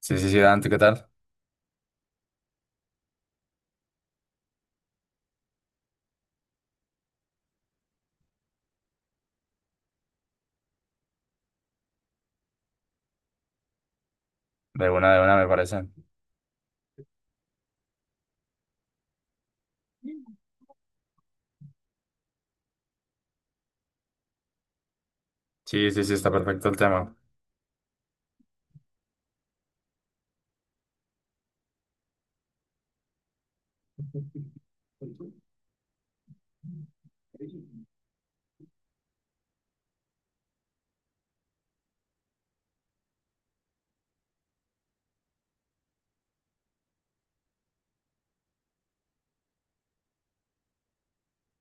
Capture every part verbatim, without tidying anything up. Sí, sí, sí, Dante, ¿qué tal? De una, de una, me parece. Sí, sí, sí, está perfecto el tema.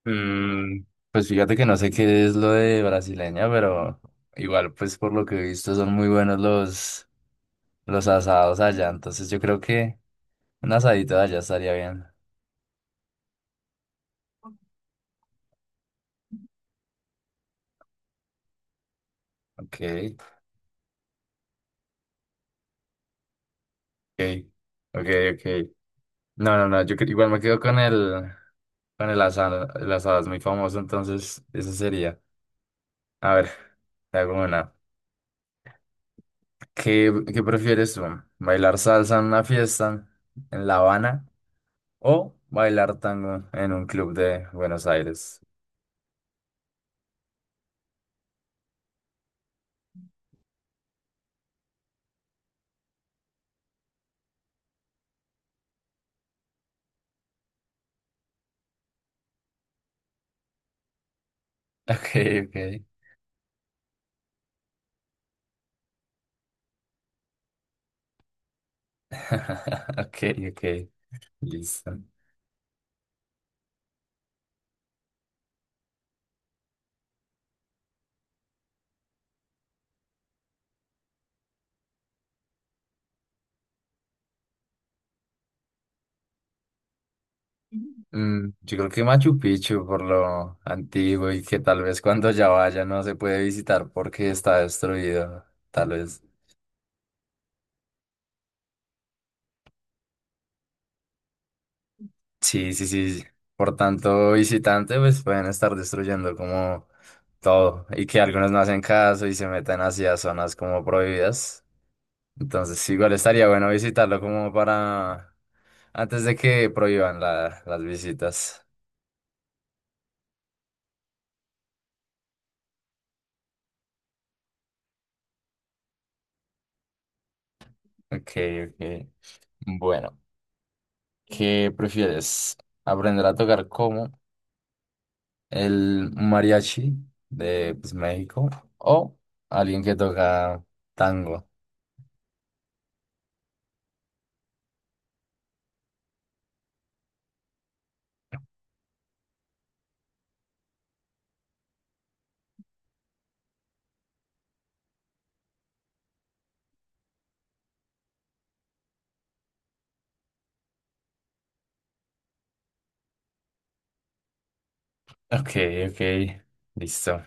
Mm, pues fíjate que no sé qué es lo de brasileña, pero igual, pues por lo que he visto, son muy buenos los, los asados allá. Entonces yo creo que un asadito de allá estaría bien. Ok, ok, ok, ok. No, no, no, yo cre- igual me quedo con el, con el asado. El asado es muy famoso, entonces eso sería. A ver, te hago una. ¿Qué, qué prefieres tú? ¿Bailar salsa en una fiesta en La Habana o bailar tango en un club de Buenos Aires? Ok, ok. Ok, ok. Listo. Mm, yo creo que Machu Picchu por lo antiguo y que tal vez cuando ya vaya no se puede visitar porque está destruido, tal vez. Sí, sí, sí. Por tanto, visitante, pues pueden estar destruyendo como todo y que algunos no hacen caso y se meten hacia zonas como prohibidas. Entonces, igual estaría bueno visitarlo como para antes de que prohíban la- las visitas. Ok, ok. Bueno, ¿qué prefieres? ¿Aprender a tocar como el mariachi de pues, México o alguien que toca tango? Ok, ok. Listo.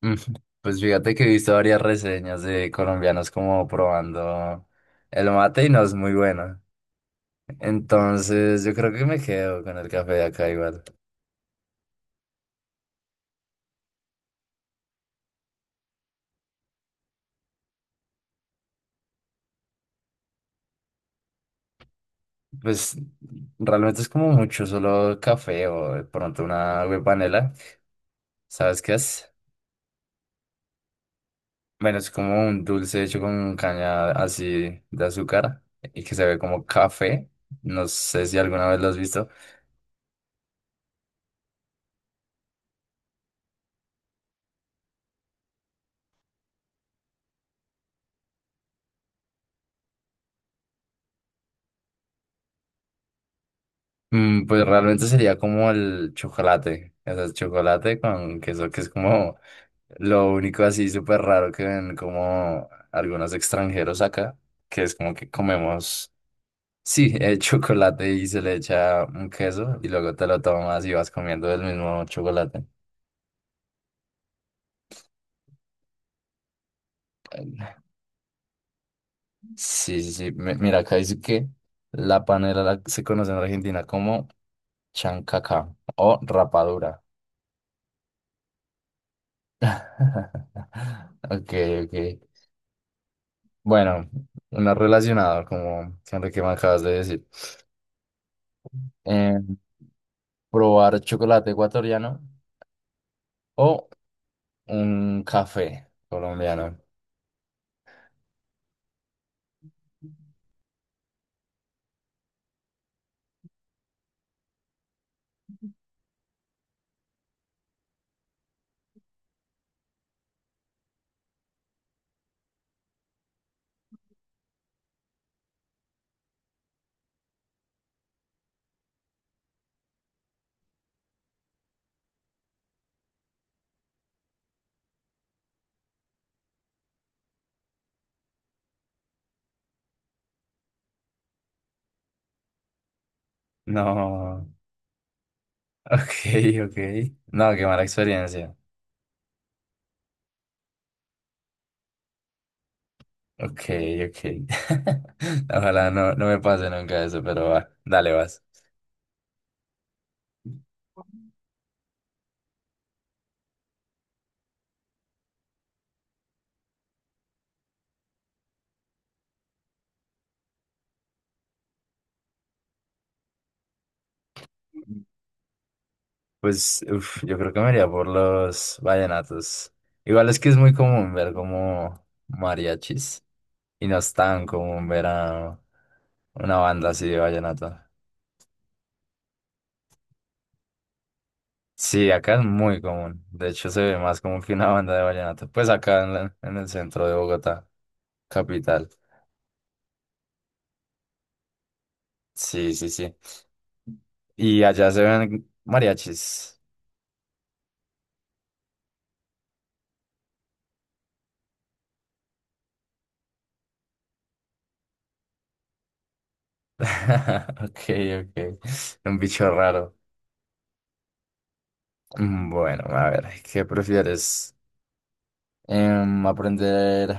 Mm, pues fíjate que he visto varias reseñas de colombianos como probando el mate y no es muy bueno. Entonces yo creo que me quedo con el café de acá igual. Pues realmente es como mucho, solo café o de pronto una agua de panela. ¿Sabes qué es? Bueno, es como un dulce hecho con caña así de azúcar y que se ve como café. No sé si alguna vez lo has visto. Mm, pues realmente sería como el chocolate. O sea, el chocolate con queso que es como lo único así súper raro que ven como algunos extranjeros acá, que es como que comemos, sí, eh, chocolate y se le echa un queso y luego te lo tomas y vas comiendo el mismo chocolate. Sí, sí, sí. mi- Mira, acá dice que la panela la- se conoce en Argentina como chancaca o rapadura. Ok, ok. Bueno, una relacionado como siempre que me acabas de decir. Eh, probar chocolate ecuatoriano o un café colombiano. No, ok, ok. No, qué mala experiencia. Ok, ok. Ojalá no, no me pase nunca eso, pero va, dale, vas. Pues, uf, yo creo que me iría por los vallenatos. Igual es que es muy común ver como mariachis y no es tan común ver a una banda así de vallenato. Sí, acá es muy común. De hecho, se ve más como que una banda de vallenato. Pues acá en, la- en el centro de Bogotá, capital. Sí, sí, sí. Y allá se ven mariachis. Ok, ok. Un bicho raro. Mm, bueno, a ver, ¿qué prefieres? Em, ¿aprender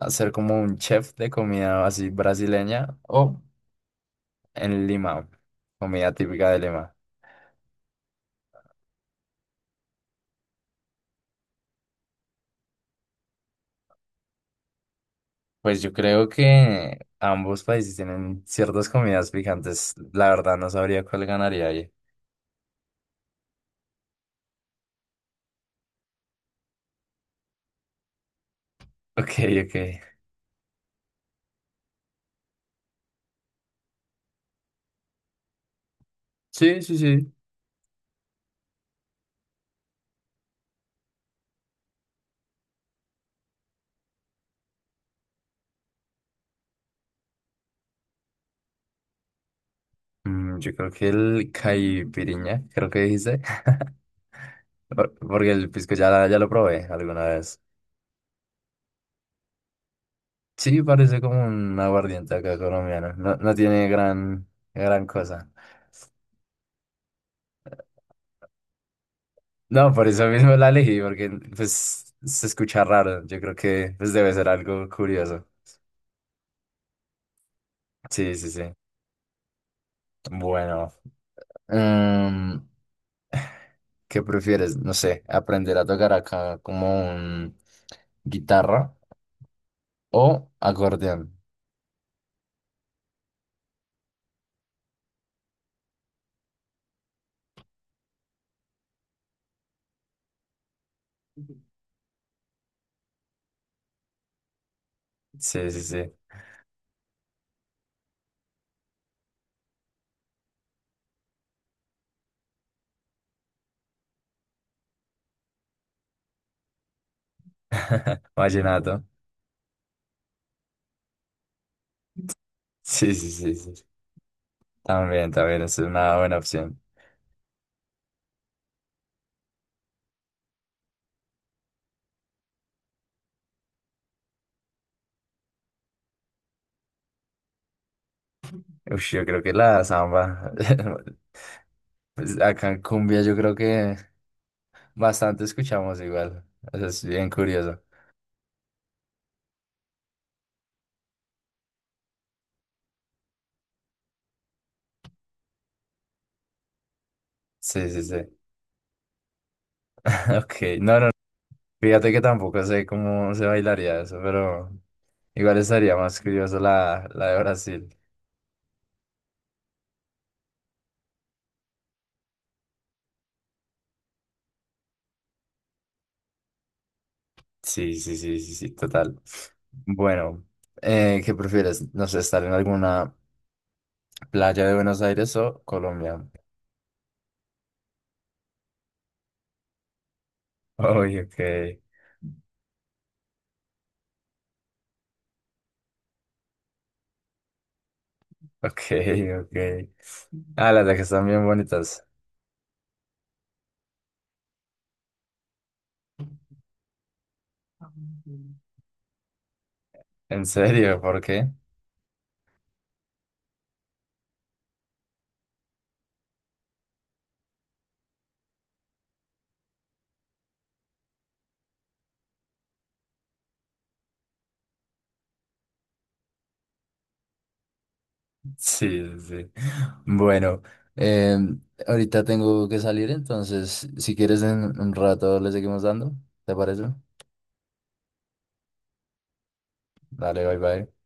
a ser como un chef de comida así brasileña o en Lima? Comida típica de Lima. Pues yo creo que ambos países tienen ciertas comidas picantes. La verdad no sabría cuál ganaría ahí. Ok, ok. Sí, sí, sí. Mm, yo creo que el caipiriña, creo que dijiste. Por- Porque el pisco ya, la- ya lo probé alguna vez. Sí, parece como un aguardiente acá colombiano. No, no tiene gran, gran cosa. No, por eso mismo la elegí, porque pues se escucha raro. Yo creo que pues, debe ser algo curioso. Sí, sí, sí. Bueno. Em, ¿qué prefieres? No sé, aprender a tocar acá como un guitarra o acordeón. Sí, sí, sí. Vallenato. Sí, sí, sí, sí. También, también es una buena opción. Ush, yo creo que la samba. Pues acá en cumbia yo creo que bastante escuchamos igual. Eso es bien curioso. Sí, sí, sí. Ok, no, no. Fíjate que tampoco sé cómo se bailaría eso, pero igual estaría más curioso la, la de Brasil. Sí, sí, sí, sí, sí, total. Bueno, eh, ¿qué prefieres? No sé, estar en alguna playa de Buenos Aires o Colombia. Uy, ok, ok, ok. Ah, las de que están bien bonitas. ¿En serio? ¿Por qué? Sí, sí, sí. Bueno, eh, ahorita tengo que salir, entonces, si quieres en un rato le seguimos dando, ¿te parece? Dale, bye, bye.